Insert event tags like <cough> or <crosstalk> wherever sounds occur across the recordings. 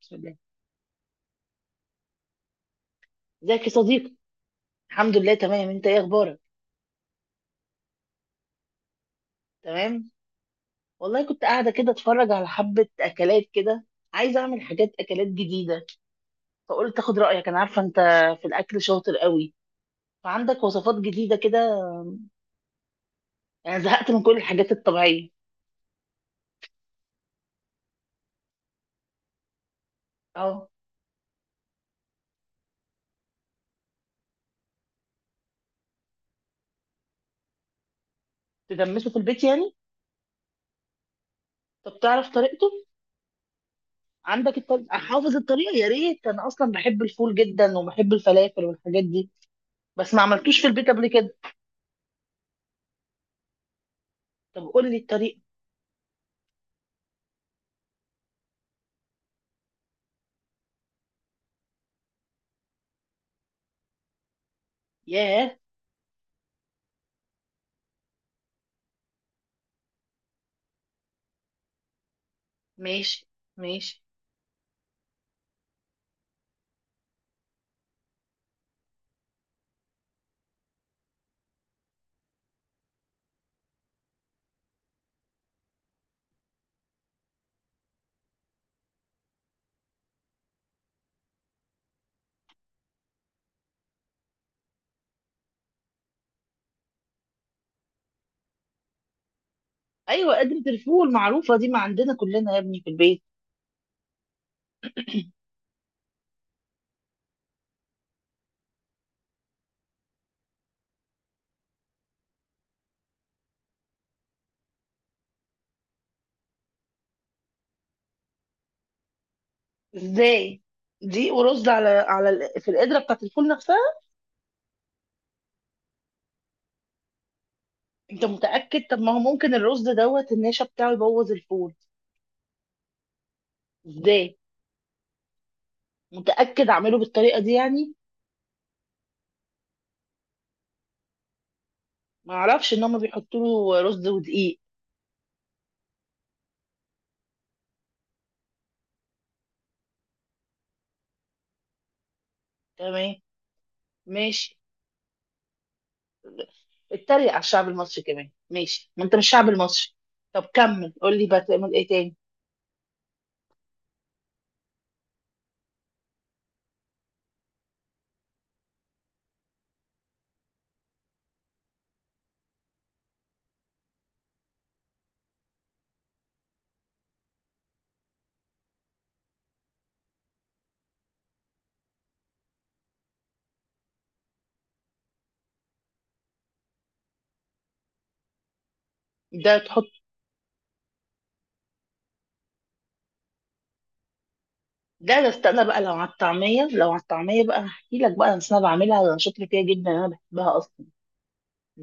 بسم الله. ازيك يا صديقي؟ الحمد لله تمام، انت ايه اخبارك؟ تمام. والله كنت قاعده كده اتفرج على حبه اكلات كده. عايزه اعمل حاجات اكلات جديده، فقلت اخد رايك. انا عارفه انت في الاكل شاطر قوي، فعندك وصفات جديده كده؟ انا زهقت من كل الحاجات الطبيعيه. اه، تدمسه في البيت يعني؟ طب تعرف طريقته؟ عندك الطريقه؟ حافظ الطريقه؟ يا ريت. انا اصلا بحب الفول جدا وبحب الفلافل والحاجات دي، بس ما عملتوش في البيت قبل كده. طب قول لي الطريقه. ياه. ماشي. ماشي. ايوه، قدرة الفول المعروفة دي ما عندنا كلنا يا ابني في البيت. ازاي؟ دي ورز على ال- في القدرة بتاعت الفول نفسها؟ انت متأكد؟ طب ما هو ممكن الرز دوت النشا بتاعه يبوظ الفول. ازاي؟ متأكد اعمله بالطريقة دي يعني؟ ما اعرفش ان هم بيحطوا له رز ودقيق. تمام. ماشي. اتريق على الشعب المصري كمان؟ ماشي، ما انت مش شعب المصري. طب كمل قول لي بتعمل ايه تاني. ده. لا، ده لو استنى بقى، لو على الطعمية، لو على الطعمية بقى هحكي لك بقى. أصل أنا بعملها، أنا شاطرة فيها جدا، أنا بحبها أصلا.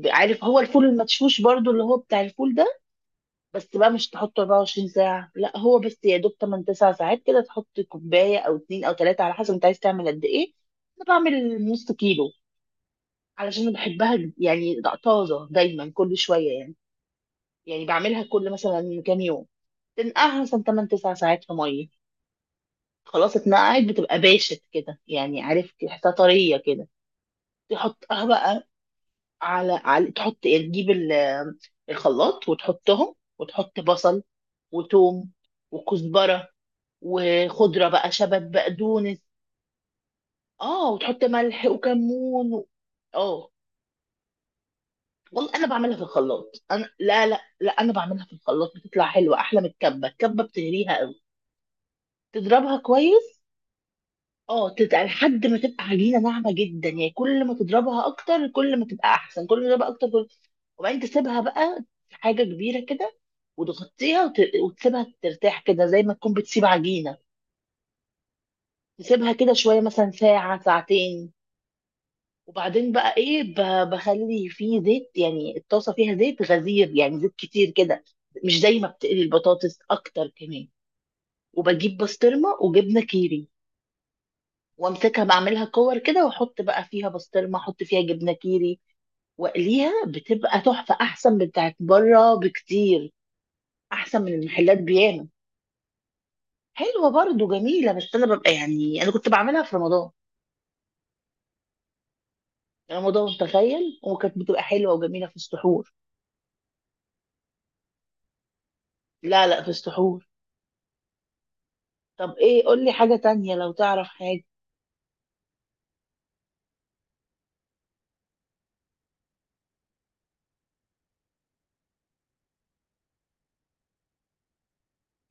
عارف هو الفول المدشوش برضو اللي هو بتاع الفول ده؟ بس بقى مش تحطه 24 ساعة، لا هو بس يا دوب 8 9 ساعات كده. تحط كوباية أو اتنين أو تلاتة على حسب أنت عايز تعمل قد إيه. أنا بعمل نص كيلو علشان أنا بحبها يعني طازة دايما كل شوية يعني. يعني بعملها كل مثلا كام يوم. تنقعها مثلا 8 9 ساعات في مية. خلاص، اتنقعت بتبقى باشت كده يعني، عارف، تحسها طرية كده. تحطها بقى على على تحط يعني، تجيب الخلاط وتحطهم، وتحط بصل وتوم وكزبرة وخضرة بقى، شبت بقدونس. اه، وتحط ملح وكمون اه والله انا بعملها في الخلاط انا. لا لا لا، انا بعملها في الخلاط بتطلع حلوه، احلى من الكبه. الكبه بتهريها قوي. تضربها كويس. اه، لحد ما تبقى عجينه ناعمه جدا يعني. كل ما تضربها اكتر كل ما تبقى احسن، كل ما تضربها اكتر كل. وبعدين تسيبها بقى في حاجه كبيره كده وتغطيها وتسيبها ترتاح كده زي ما تكون بتسيب عجينه. تسيبها كده شويه مثلا ساعه ساعتين. وبعدين بقى ايه، بخلي فيه زيت يعني، الطاسه فيها زيت غزير يعني، زيت كتير كده، مش زي ما بتقلي البطاطس اكتر كمان. وبجيب بسطرمه وجبنه كيري. وامسكها بعملها كور كده واحط بقى فيها بسطرمه، احط فيها جبنه كيري واقليها، بتبقى تحفه احسن من بتاعت بره بكتير، احسن من المحلات بياما. حلوه برضه جميله، بس انا ببقى يعني انا كنت بعملها في رمضان. رمضان تخيل، وكانت بتبقى حلوه وجميله في السحور. لا لا، في السحور. طب ايه، قول لي حاجه تانية لو تعرف حاجه.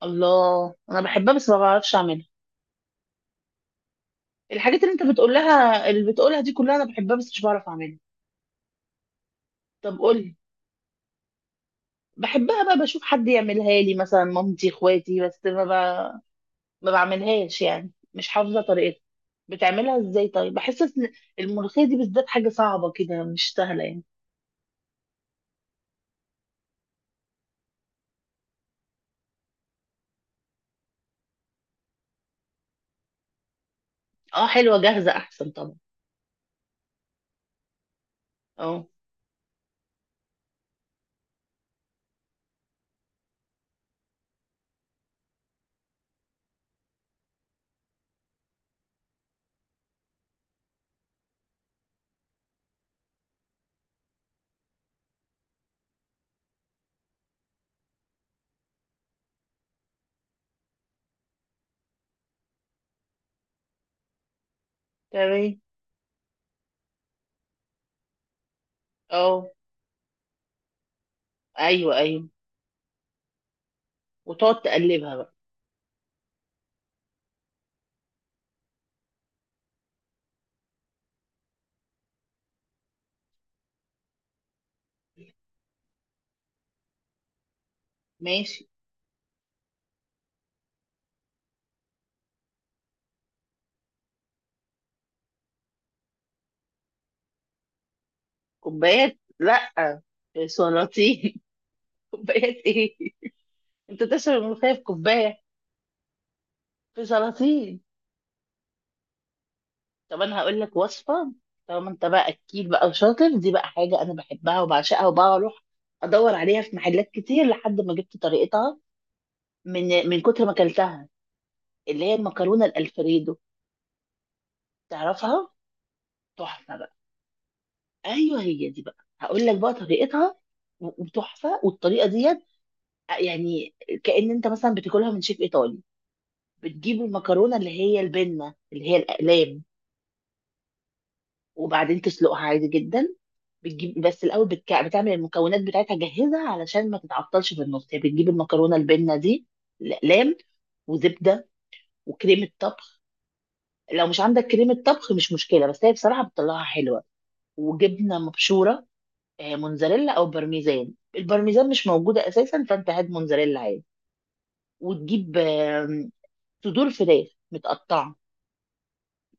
الله، انا بحبها بس ما بعرفش اعملها. الحاجات اللي انت بتقولها، اللي بتقولها دي كلها انا بحبها بس مش بعرف اعملها. طب قول لي. بحبها بقى، بشوف حد يعملها لي مثلا مامتي اخواتي، بس ما بعملهاش يعني، مش حافظه طريقتها. بتعملها ازاي؟ طيب، بحس إن الملوخيه دي بالذات حاجه صعبه كده، مش سهله يعني. اه حلوه جاهزه احسن طبعا. اه. تمام. اه. ايوه ايوه. وتقعد تقلبها بقى. ماشي. كوبايات؟ لا، في سلاطين. <laughs> كوبايات ايه؟ انت تشرب الملوخيه في كوبايه؟ في سلاطين. طب انا هقول لك وصفه. طالما انت بقى اكيد بقى وشاطر، دي بقى حاجه انا بحبها وبعشقها وبقى اروح ادور عليها في محلات كتير لحد ما جبت طريقتها من كتر ما اكلتها. اللي هي المكرونه الالفريدو. تعرفها؟ تحفه بقى. ايوه هي دي بقى، هقول لك بقى طريقتها وتحفه. والطريقه ديت يعني كأن انت مثلا بتاكلها من شيف ايطالي. بتجيب المكرونه اللي هي البنه، اللي هي الاقلام، وبعدين تسلقها عادي جدا. بتجيب بس الاول، بتعمل المكونات بتاعتها جاهزه علشان ما تتعطلش في النص يعني. بتجيب المكرونه البنه دي الاقلام، وزبده وكريمه طبخ. لو مش عندك كريمه طبخ مش مشكله، بس هي بصراحه بتطلعها حلوه. وجبنه مبشوره، موتزاريلا او بارميزان. البارميزان مش موجوده اساسا فانت هات موتزاريلا عادي. وتجيب صدور فراخ متقطعه،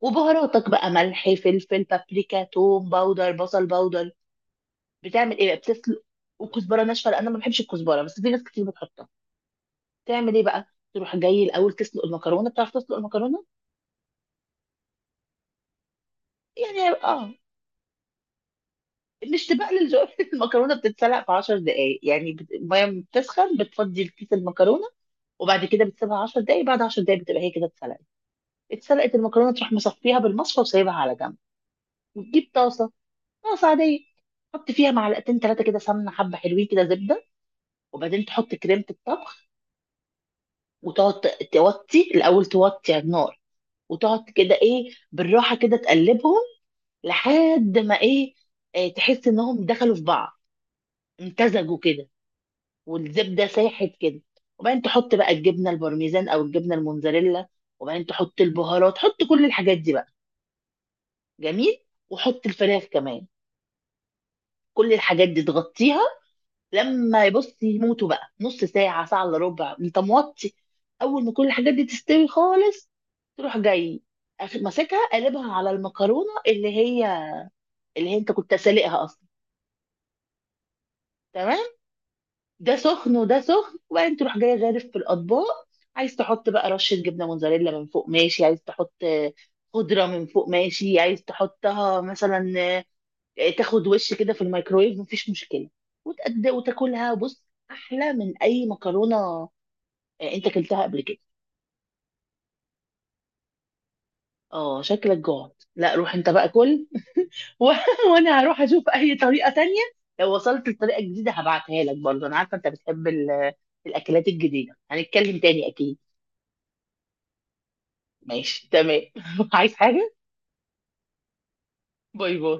وبهاراتك بقى ملح فلفل بابريكا توم باودر بصل باودر. بتعمل ايه بقى؟ بتسلق وكزبره ناشفه لان انا ما بحبش الكزبره بس في ناس كتير بتحطها. تعمل ايه بقى، تروح جاي الاول تسلق المكرونه. بتعرف تسلق المكرونه؟ يعني اه، مش تبقلل <laughs> المكرونه بتتسلق في 10 دقائق يعني، الميه بتسخن بتفضي الكيس المكرونه وبعد كده بتسيبها 10 دقايق، بعد 10 دقايق بتبقى هي كده اتسلقت. اتسلقت المكرونه، تروح مصفيها بالمصفى وسايبها على جنب. وتجيب طاسه، طاسه عاديه، تحط فيها معلقتين ثلاثه كده سمنه، حبه حلوين كده، زبده، وبعدين تحط كريمه الطبخ. وتقعد توطي الاول، توطي على النار، وتقعد كده ايه بالراحه كده تقلبهم لحد ما ايه، إيه تحس انهم دخلوا في بعض، امتزجوا كده، والزبده ساحت كده. وبعدين تحط بقى الجبنه البارميزان او الجبنه الموزاريلا. وبعدين تحط البهارات، حط كل الحاجات دي بقى، جميل، وحط الفراخ كمان. كل الحاجات دي تغطيها، لما يبص يموتوا بقى، نص ساعة ساعة الا ربع انت موطي. اول ما كل الحاجات دي تستوي خالص، تروح جاي ماسكها قلبها على المكرونة اللي هي انت كنت سالقها اصلا. تمام. ده سخن وده سخن، وبعدين تروح جاي غارف في الاطباق. عايز تحط بقى رشة جبنة موزاريلا من فوق، ماشي، عايز تحط خضرة من فوق، ماشي، عايز تحطها مثلا تاخد وش كده في الميكرويف، مفيش مشكله، وتاكلها. بص، احلى من اي مكرونه. انت اكلتها قبل كده؟ اه شكلك جوعت. لا روح انت بقى كل. <laughs> و... وانا هروح اشوف اي طريقه تانية. لو وصلت لطريقه جديده هبعتها لك برضه. انا عارفه انت بتحب الاكلات الجديده. هنتكلم تاني اكيد. ماشي تمام. <laughs> عايز حاجه؟ باي باي.